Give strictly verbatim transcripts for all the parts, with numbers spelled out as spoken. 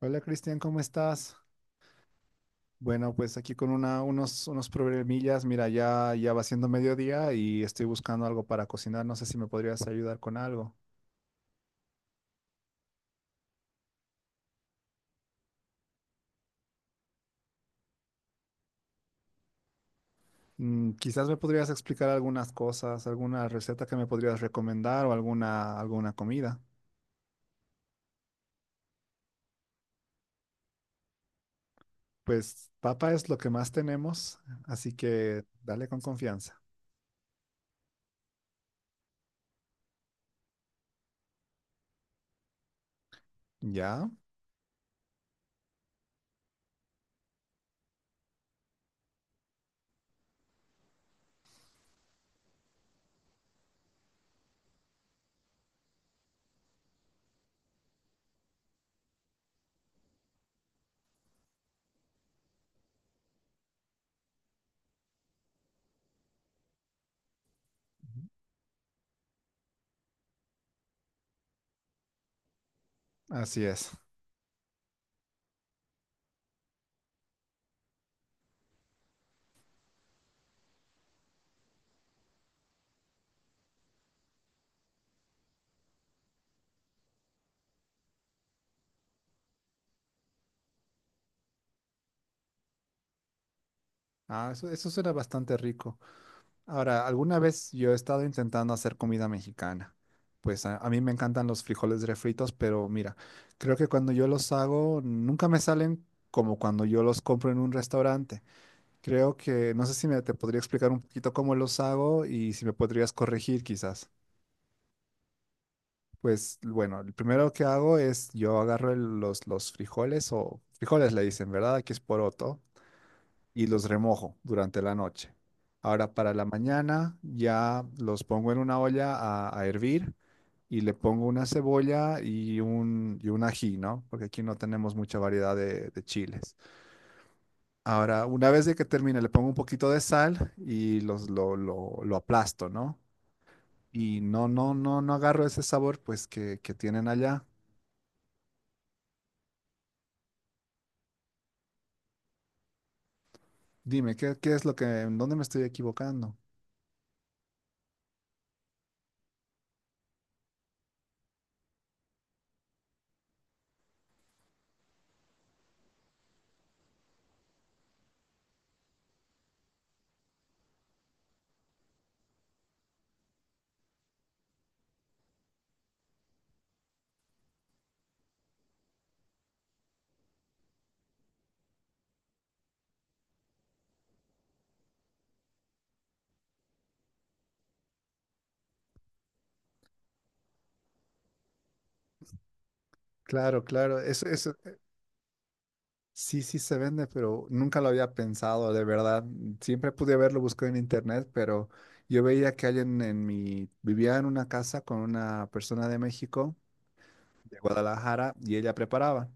Hola Cristian, ¿cómo estás? Bueno, pues aquí con una, unos, unos problemillas. Mira, ya, ya va siendo mediodía y estoy buscando algo para cocinar. No sé si me podrías ayudar con algo. Mm, quizás me podrías explicar algunas cosas, alguna receta que me podrías recomendar o alguna, alguna comida. Pues papa es lo que más tenemos, así que dale con confianza. ¿Ya? Así es. Ah, eso, eso suena bastante rico. Ahora, alguna vez yo he estado intentando hacer comida mexicana. Pues a, a mí me encantan los frijoles refritos, pero mira, creo que cuando yo los hago nunca me salen como cuando yo los compro en un restaurante. Creo que, no sé si me te podría explicar un poquito cómo los hago y si me podrías corregir quizás. Pues bueno, el primero que hago es yo agarro el- los, los frijoles o frijoles le dicen, ¿verdad? Aquí es poroto. Y los remojo durante la noche. Ahora para la mañana ya los pongo en una olla a, a hervir y le pongo una cebolla y un, y un ají, ¿no? Porque aquí no tenemos mucha variedad de, de chiles. Ahora, una vez de que termine, le pongo un poquito de sal y los, lo, lo- lo aplasto, ¿no? Y no, no, no, no agarro ese sabor pues que, que tienen allá. Dime, ¿qué, ¿qué es lo que, en dónde me estoy equivocando? Claro, claro, eso, eso. Sí, sí se vende, pero nunca lo había pensado, de verdad. Siempre pude haberlo buscado en internet, pero yo veía que alguien en mi... Vivía en una casa con una persona de México, de Guadalajara, y ella preparaba.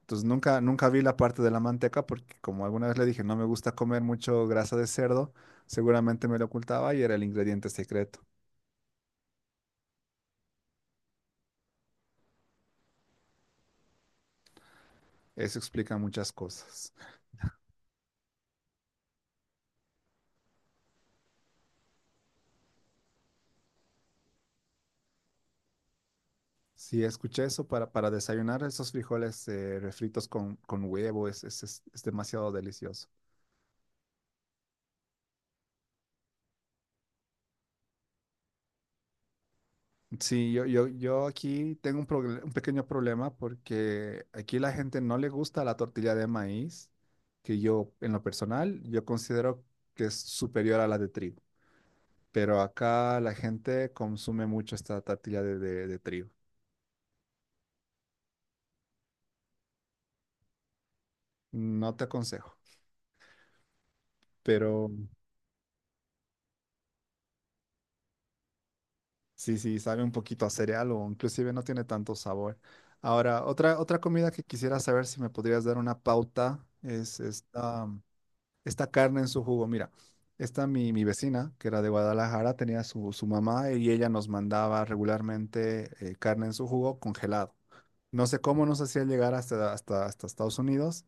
Entonces nunca, nunca vi la parte de la manteca porque como alguna vez le dije, no me gusta comer mucho grasa de cerdo, seguramente me lo ocultaba y era el ingrediente secreto. Eso explica muchas cosas. Sí, escuché eso para, para desayunar esos frijoles eh, refritos con, con huevo, es, es es- es demasiado delicioso. Sí, yo, yo, yo aquí tengo un, proble- un pequeño problema porque aquí la gente no le gusta la tortilla de maíz, que yo en lo personal yo considero que es superior a la de trigo, pero acá la gente consume mucho esta tortilla de, de- de trigo. No te aconsejo, pero sí, sí, sabe un poquito a cereal o inclusive no tiene tanto sabor. Ahora, otra, otra comida que quisiera saber si me podrías dar una pauta es esta... esta carne en su jugo. Mira, esta mi, mi vecina, que era de Guadalajara, tenía su, su mamá y ella nos mandaba regularmente eh, carne en su jugo congelado. No sé cómo nos hacía llegar hasta, hasta, hasta Estados Unidos,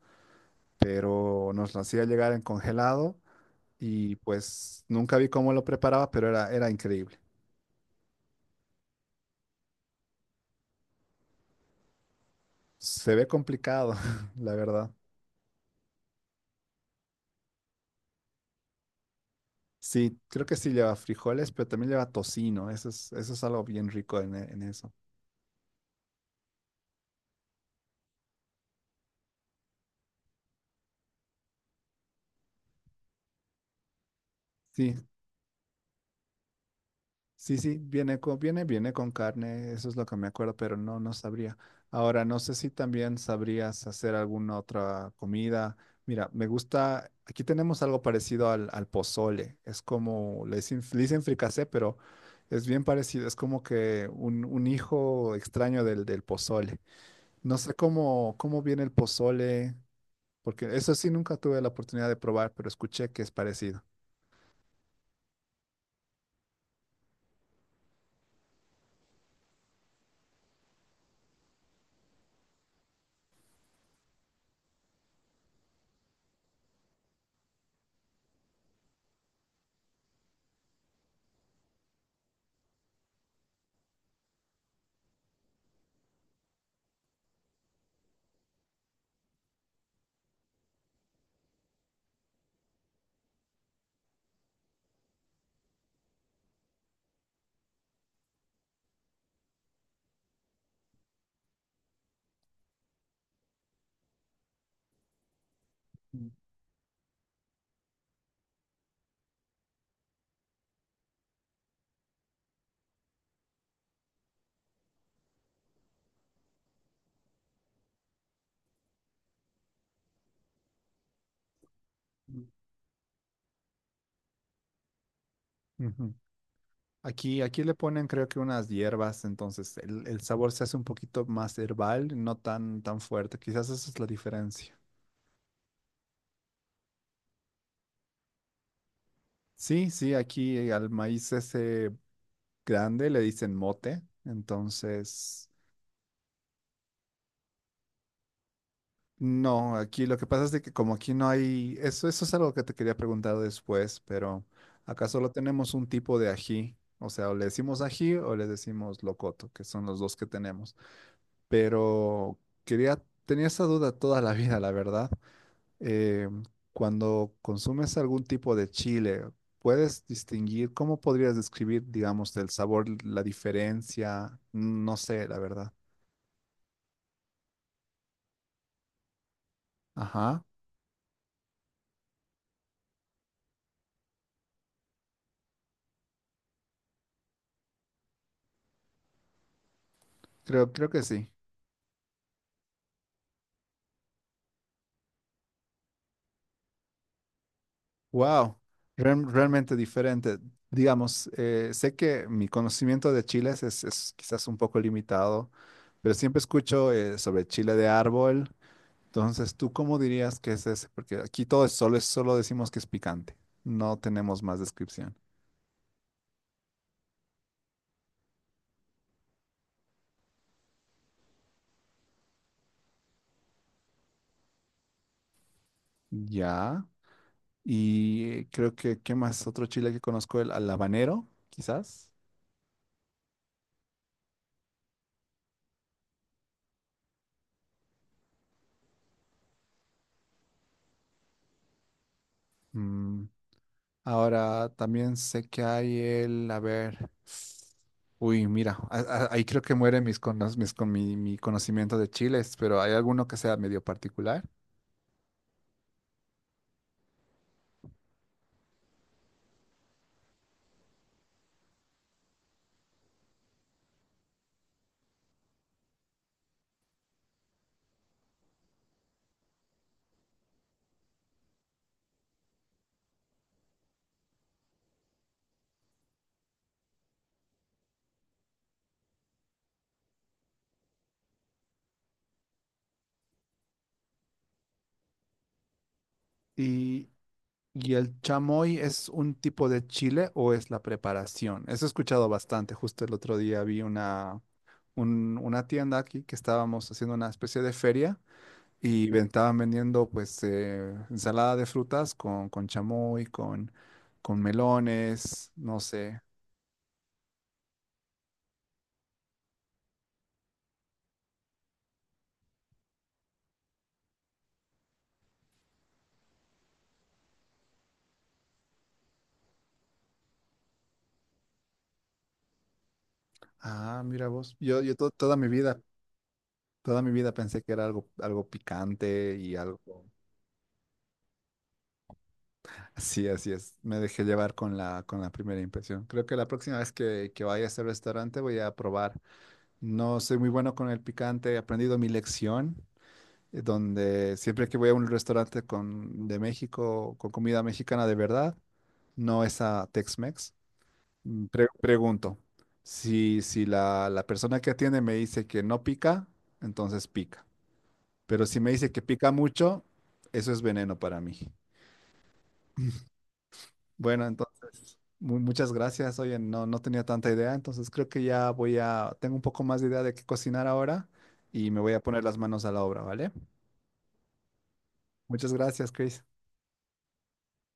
pero nos lo hacía llegar en congelado y pues nunca vi cómo lo preparaba, pero era, era increíble. Se ve complicado, la verdad. Sí, creo que sí lleva frijoles, pero también lleva tocino. Eso es, eso es algo bien rico en, e- en eso. Sí, sí, sí, viene con, viene, viene con carne, eso es lo que me acuerdo, pero no, no sabría. Ahora, no sé si también sabrías hacer alguna otra comida. Mira, me gusta, aquí tenemos algo parecido al, al pozole, es como, le dicen, le dicen fricasé, pero es bien parecido, es como que un, un hijo extraño del, del pozole. No sé cómo, cómo viene el pozole, porque eso sí nunca tuve la oportunidad de probar, pero escuché que es parecido. Mm. Ujú. Aquí, aquí le ponen creo que unas hierbas, entonces el, el sabor se hace un poquito más herbal, no tan, tan fuerte. Quizás esa es la diferencia. Sí, sí, aquí eh, al maíz ese grande le dicen mote, entonces no, aquí lo que pasa es de que como aquí no hay, eso, eso es algo que te quería preguntar después, pero acá solo tenemos un tipo de ají, o sea, o le decimos ají o le decimos locoto, que son los dos que tenemos, pero quería, tenía esa duda toda la vida, la verdad. eh, Cuando consumes algún tipo de chile, ¿puedes distinguir cómo podrías describir, digamos, el sabor, la diferencia? No sé, la verdad. Ajá, creo, creo que sí. Wow, realmente diferente. Digamos, eh, sé que mi conocimiento de chiles es, es quizás un poco limitado, pero siempre escucho eh, sobre chile de árbol. Entonces, ¿tú cómo dirías que es ese? Porque aquí todo es solo, es solo decimos que es picante. No tenemos más descripción. Ya. Y eh, creo que, ¿qué más? Otro chile que conozco, el al habanero, quizás. Mm. Ahora también sé que hay el, a ver, uy, mira, a- a- ahí creo que muere mis, cono- mis con mi, mi conocimiento de chiles, pero hay alguno que sea medio particular. Y, y el chamoy es un tipo de chile o es la preparación. Eso he escuchado bastante. Justo el otro día vi una, un- una tienda aquí que estábamos haciendo una especie de feria. Y ven- estaban vendiendo pues eh, ensalada de frutas con, con chamoy, con, con melones, no sé. Ah, mira vos. Yo, yo to- toda mi vida, toda mi vida pensé que era algo, algo picante y algo. Sí, así es. Me dejé llevar con la, con la primera impresión. Creo que la próxima vez que, que vaya a ese restaurante voy a probar. No soy muy bueno con el picante, he aprendido mi lección, eh, donde siempre que voy a un restaurante con, de México, con comida mexicana de verdad. No es a Tex-Mex. Mm, pre- pregunto, si, si la, la persona que atiende me dice que no pica, entonces pica. Pero si me dice que pica mucho, eso es veneno para mí. Bueno, entonces, mu- muchas gracias. Oye, no, no tenía tanta idea, entonces creo que ya voy a, tengo un poco más de idea de qué cocinar ahora y me voy a poner las manos a la obra, ¿vale? Muchas gracias, Chris.